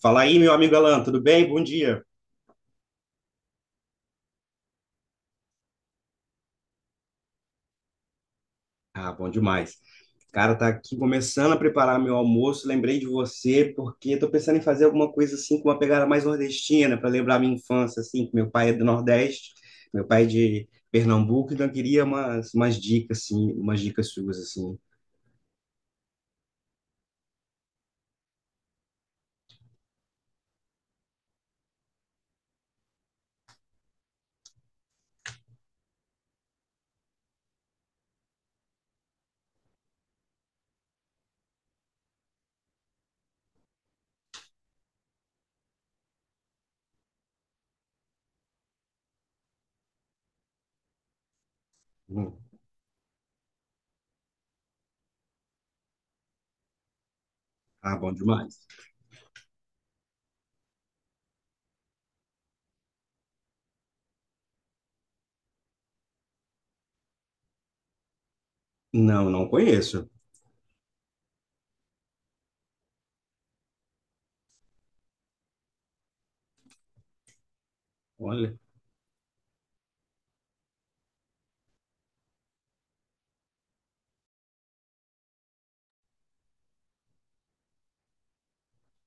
Fala aí, meu amigo Alan, tudo bem? Bom dia. Ah, bom demais. Cara, tá aqui começando a preparar meu almoço. Lembrei de você porque tô pensando em fazer alguma coisa assim com uma pegada mais nordestina para lembrar minha infância assim, que meu pai é do Nordeste, meu pai é de Pernambuco, então eu queria umas dicas assim, umas dicas suas assim. Hum. Ah, bom demais. Não, não conheço. Olha,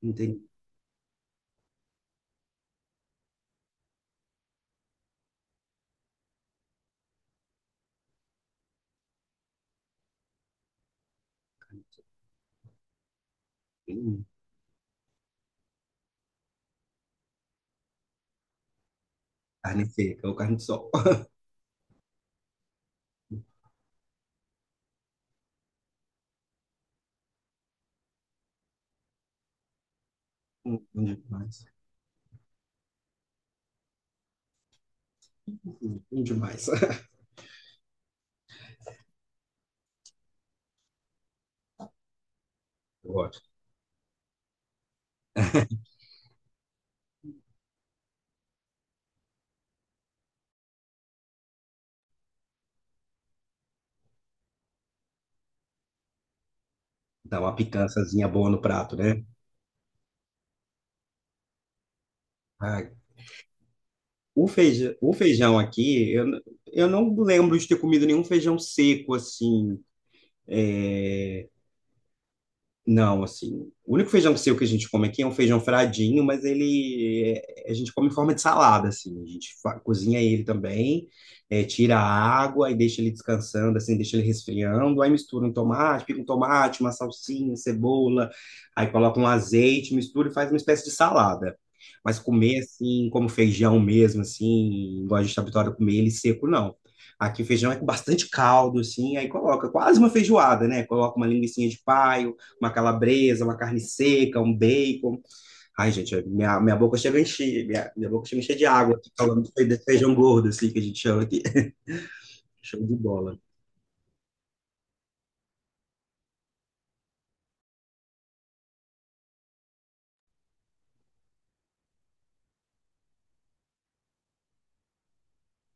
não tem hum, carne seca ou carne de sol. Bom demais. Bom demais. Eu gosto. Dá uma picançazinha boa no prato, né? Ah, o feijão aqui, eu não lembro de ter comido nenhum feijão seco assim. É, não, assim, o único feijão seco que a gente come aqui é um feijão fradinho, mas a gente come em forma de salada, assim, cozinha ele também, é, tira a água e deixa ele descansando, assim, deixa ele resfriando, aí mistura um tomate, pica um tomate, uma salsinha, cebola, aí coloca um azeite, mistura e faz uma espécie de salada. Mas comer assim, como feijão mesmo, assim, igual a gente está habituado a comer ele seco, não. Aqui o feijão é com bastante caldo, assim, aí coloca quase uma feijoada, né? Coloca uma linguicinha de paio, uma calabresa, uma carne seca, um bacon. Ai, gente, é, minha boca chega a encher, minha boca chega a encher de água, aqui, falando de feijão gordo, assim, que a gente chama aqui. Show de bola.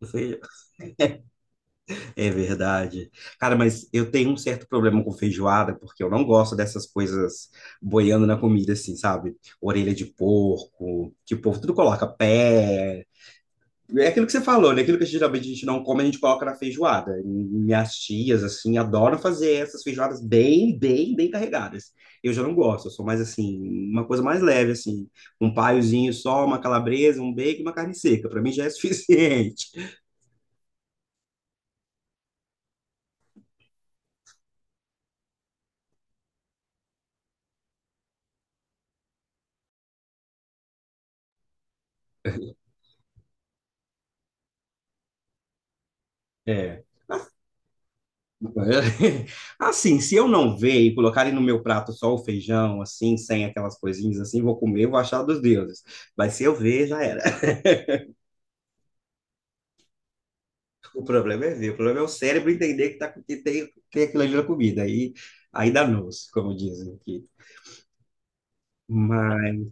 Feijão, é verdade. Cara, mas eu tenho um certo problema com feijoada, porque eu não gosto dessas coisas boiando na comida, assim, sabe? Orelha de porco, que o povo tudo coloca pé, é aquilo que você falou, né? Aquilo que geralmente a gente não come, a gente coloca na feijoada. Minhas tias, assim, adoram fazer essas feijoadas bem, bem, bem carregadas. Eu já não gosto, eu sou mais, assim, uma coisa mais leve, assim. Um paiozinho só, uma calabresa, um bacon e uma carne seca. Para mim já é suficiente. É. Assim, se eu não ver e colocarem no meu prato só o feijão, assim, sem aquelas coisinhas, assim, vou comer, vou achar dos deuses. Mas se eu ver, já era. O problema é ver, o problema é o cérebro entender que, tá, que tem, tem aquilo ali na comida. Aí, aí dá noce, como dizem aqui. Mas,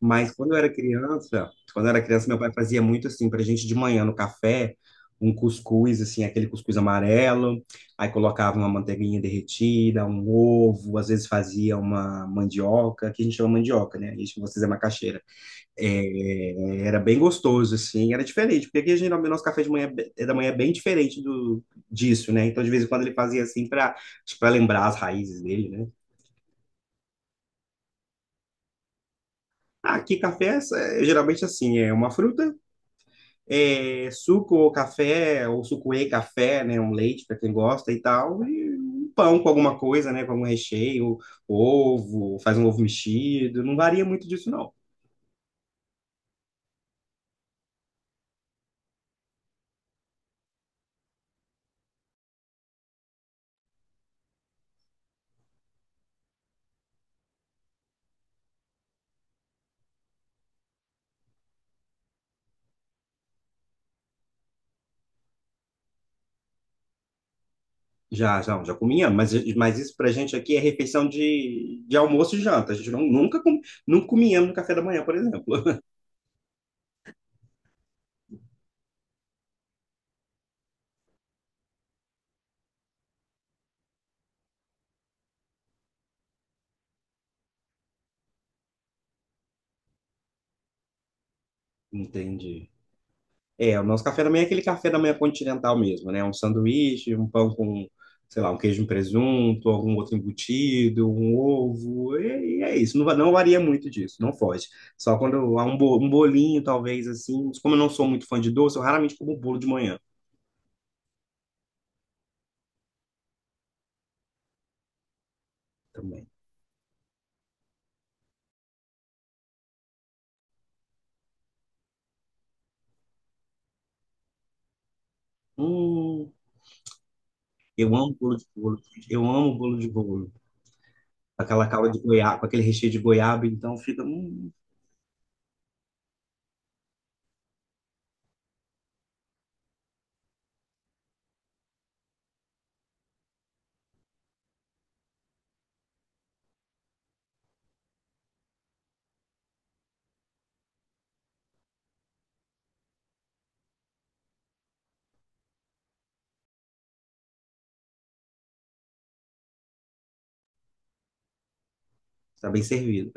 mas quando eu era criança, quando eu era criança, meu pai fazia muito assim pra gente de manhã no café, um cuscuz, assim, aquele cuscuz amarelo, aí colocava uma manteiguinha derretida, um ovo, às vezes fazia uma mandioca, que a gente chama mandioca, né? A gente, vocês é macaxeira. É, era bem gostoso, assim, era diferente, porque aqui geralmente o nosso café de manhã, é da manhã é bem diferente do, disso, né? Então, de vez em quando ele fazia assim para lembrar as raízes dele, né? Ah, aqui café é, é geralmente assim, é uma fruta, é suco ou café, ou suco e café, né? Um leite para quem gosta e tal, e um pão com alguma coisa, né? Com algum recheio, ovo, faz um ovo mexido, não varia muito disso, não. Já, já, já comia, mas isso pra gente aqui é refeição de almoço e janta. A gente não, nunca, nunca comíamos no café da manhã, por exemplo. Entendi. É, o nosso café da manhã é aquele café da manhã continental mesmo, né? Um sanduíche, um pão com, sei lá, um queijo e um presunto, algum outro embutido, um ovo, e é isso. Não, não varia muito disso, não foge. Só quando há um, um bolinho, talvez, assim. Mas como eu não sou muito fã de doce, eu raramente como bolo de manhã também. Hum, eu amo bolo de bolo. Eu amo bolo de bolo com aquela calda de goiaba, com aquele recheio de goiaba, então fica, tá bem servido.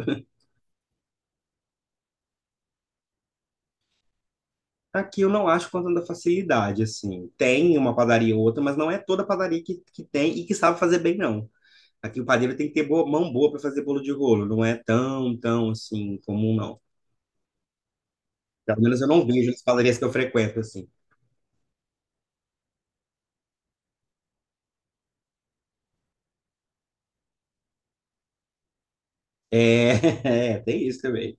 Aqui eu não acho com tanta facilidade, assim. Tem uma padaria ou outra, mas não é toda padaria que tem e que sabe fazer bem, não. Aqui o padeiro tem que ter boa, mão boa para fazer bolo de rolo, não é tão, tão, assim, comum, não. Pelo menos eu não vejo as padarias que eu frequento, assim. É, é, tem isso também.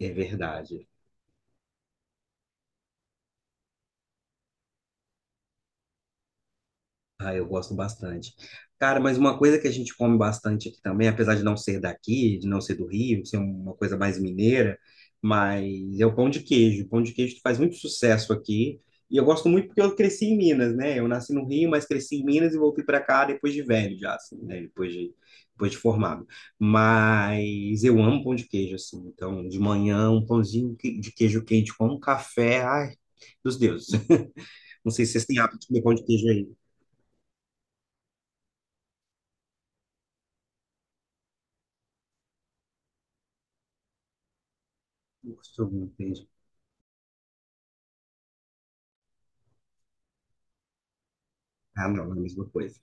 É verdade. Ah, eu gosto bastante. Cara, mas uma coisa que a gente come bastante aqui também, apesar de não ser daqui, de não ser do Rio, ser uma coisa mais mineira, mas é o pão de queijo. O pão de queijo faz muito sucesso aqui. E eu gosto muito porque eu cresci em Minas, né? Eu nasci no Rio, mas cresci em Minas e voltei para cá depois de velho, já, assim, né? Depois de formado. Mas eu amo pão de queijo, assim. Então, de manhã, um de queijo quente com um café, ai, dos deuses. Não sei se vocês têm hábito de comer pão de queijo aí. Gostou, entendi. Ah, não, não é a mesma coisa.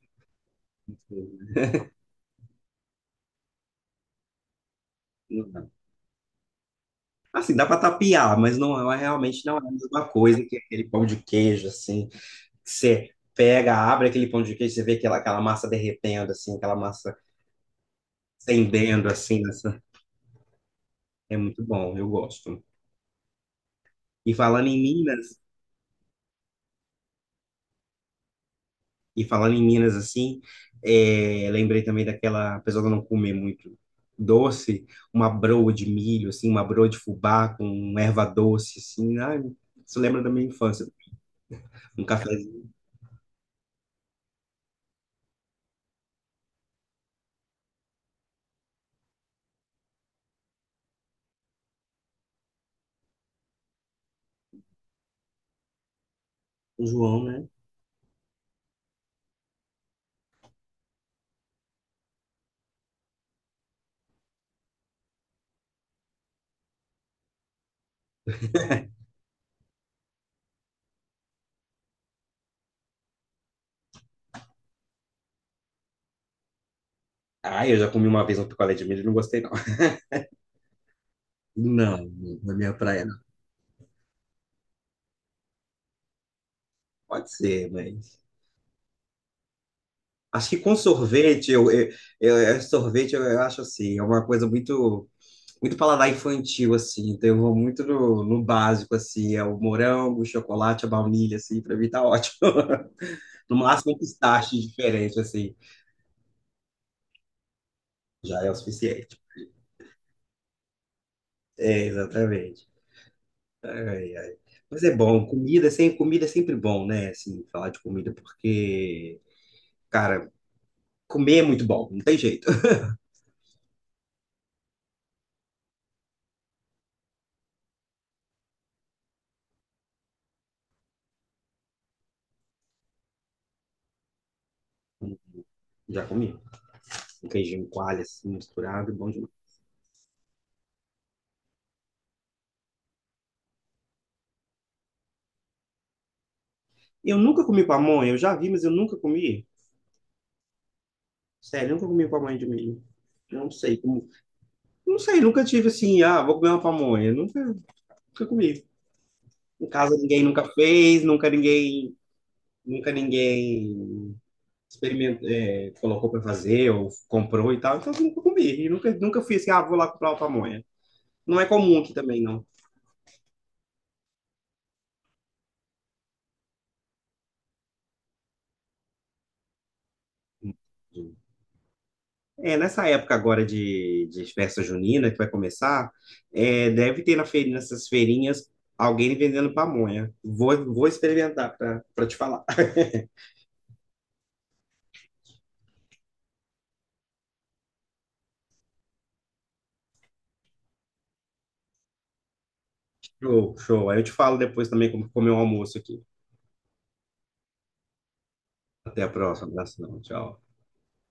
Não. Não. Assim, dá para tapear, mas não é realmente não é a mesma coisa que aquele pão de queijo, assim. Que você pega, abre aquele pão de queijo, você vê aquela, aquela massa derretendo, assim, aquela massa fendendo, assim. Nessa... é muito bom, eu gosto. E falando em Minas, e falando em Minas, assim, é, lembrei também daquela, apesar de eu não comer muito doce, uma broa de milho, assim, uma broa de fubá com erva doce, assim. Ai, isso lembra da minha infância. Um cafezinho com João, né? Ah, eu já comi uma vez um picolé de milho e não gostei, não. Não, na minha praia não. Pode ser, mas. Acho que com sorvete, eu, sorvete eu acho assim, é uma coisa muito, muito paladar infantil, assim. Então eu vou muito no, no básico, assim, é o morango, o chocolate, a baunilha, assim, pra mim tá ótimo. No máximo um pistache diferente, assim, já é o suficiente. É, exatamente. Ai, ai. Mas é bom, comida, é sem, comida é sempre bom, né? Assim, falar de comida, porque, cara, comer é muito bom, não tem jeito. Já comi. Um queijinho coalho assim, misturado, bom demais. Eu nunca comi pamonha, eu já vi, mas eu nunca comi. Sério, eu nunca comi pamonha de milho. Eu não sei como. Não sei, nunca tive assim, ah, vou comer uma pamonha. Nunca, nunca comi. Em casa ninguém nunca fez, nunca ninguém experimentou, é, colocou para fazer ou comprou e tal. Então eu nunca comi. E nunca, nunca fui assim, ah, vou lá comprar uma pamonha. Não é comum aqui também, não. É, nessa época agora de festa junina que vai começar, é, deve ter na feira, nessas feirinhas alguém vendendo pamonha. Vou, vou experimentar para te falar. Show, show. Aí eu te falo depois também como comer o almoço aqui. Até a próxima. Abração. Tchau.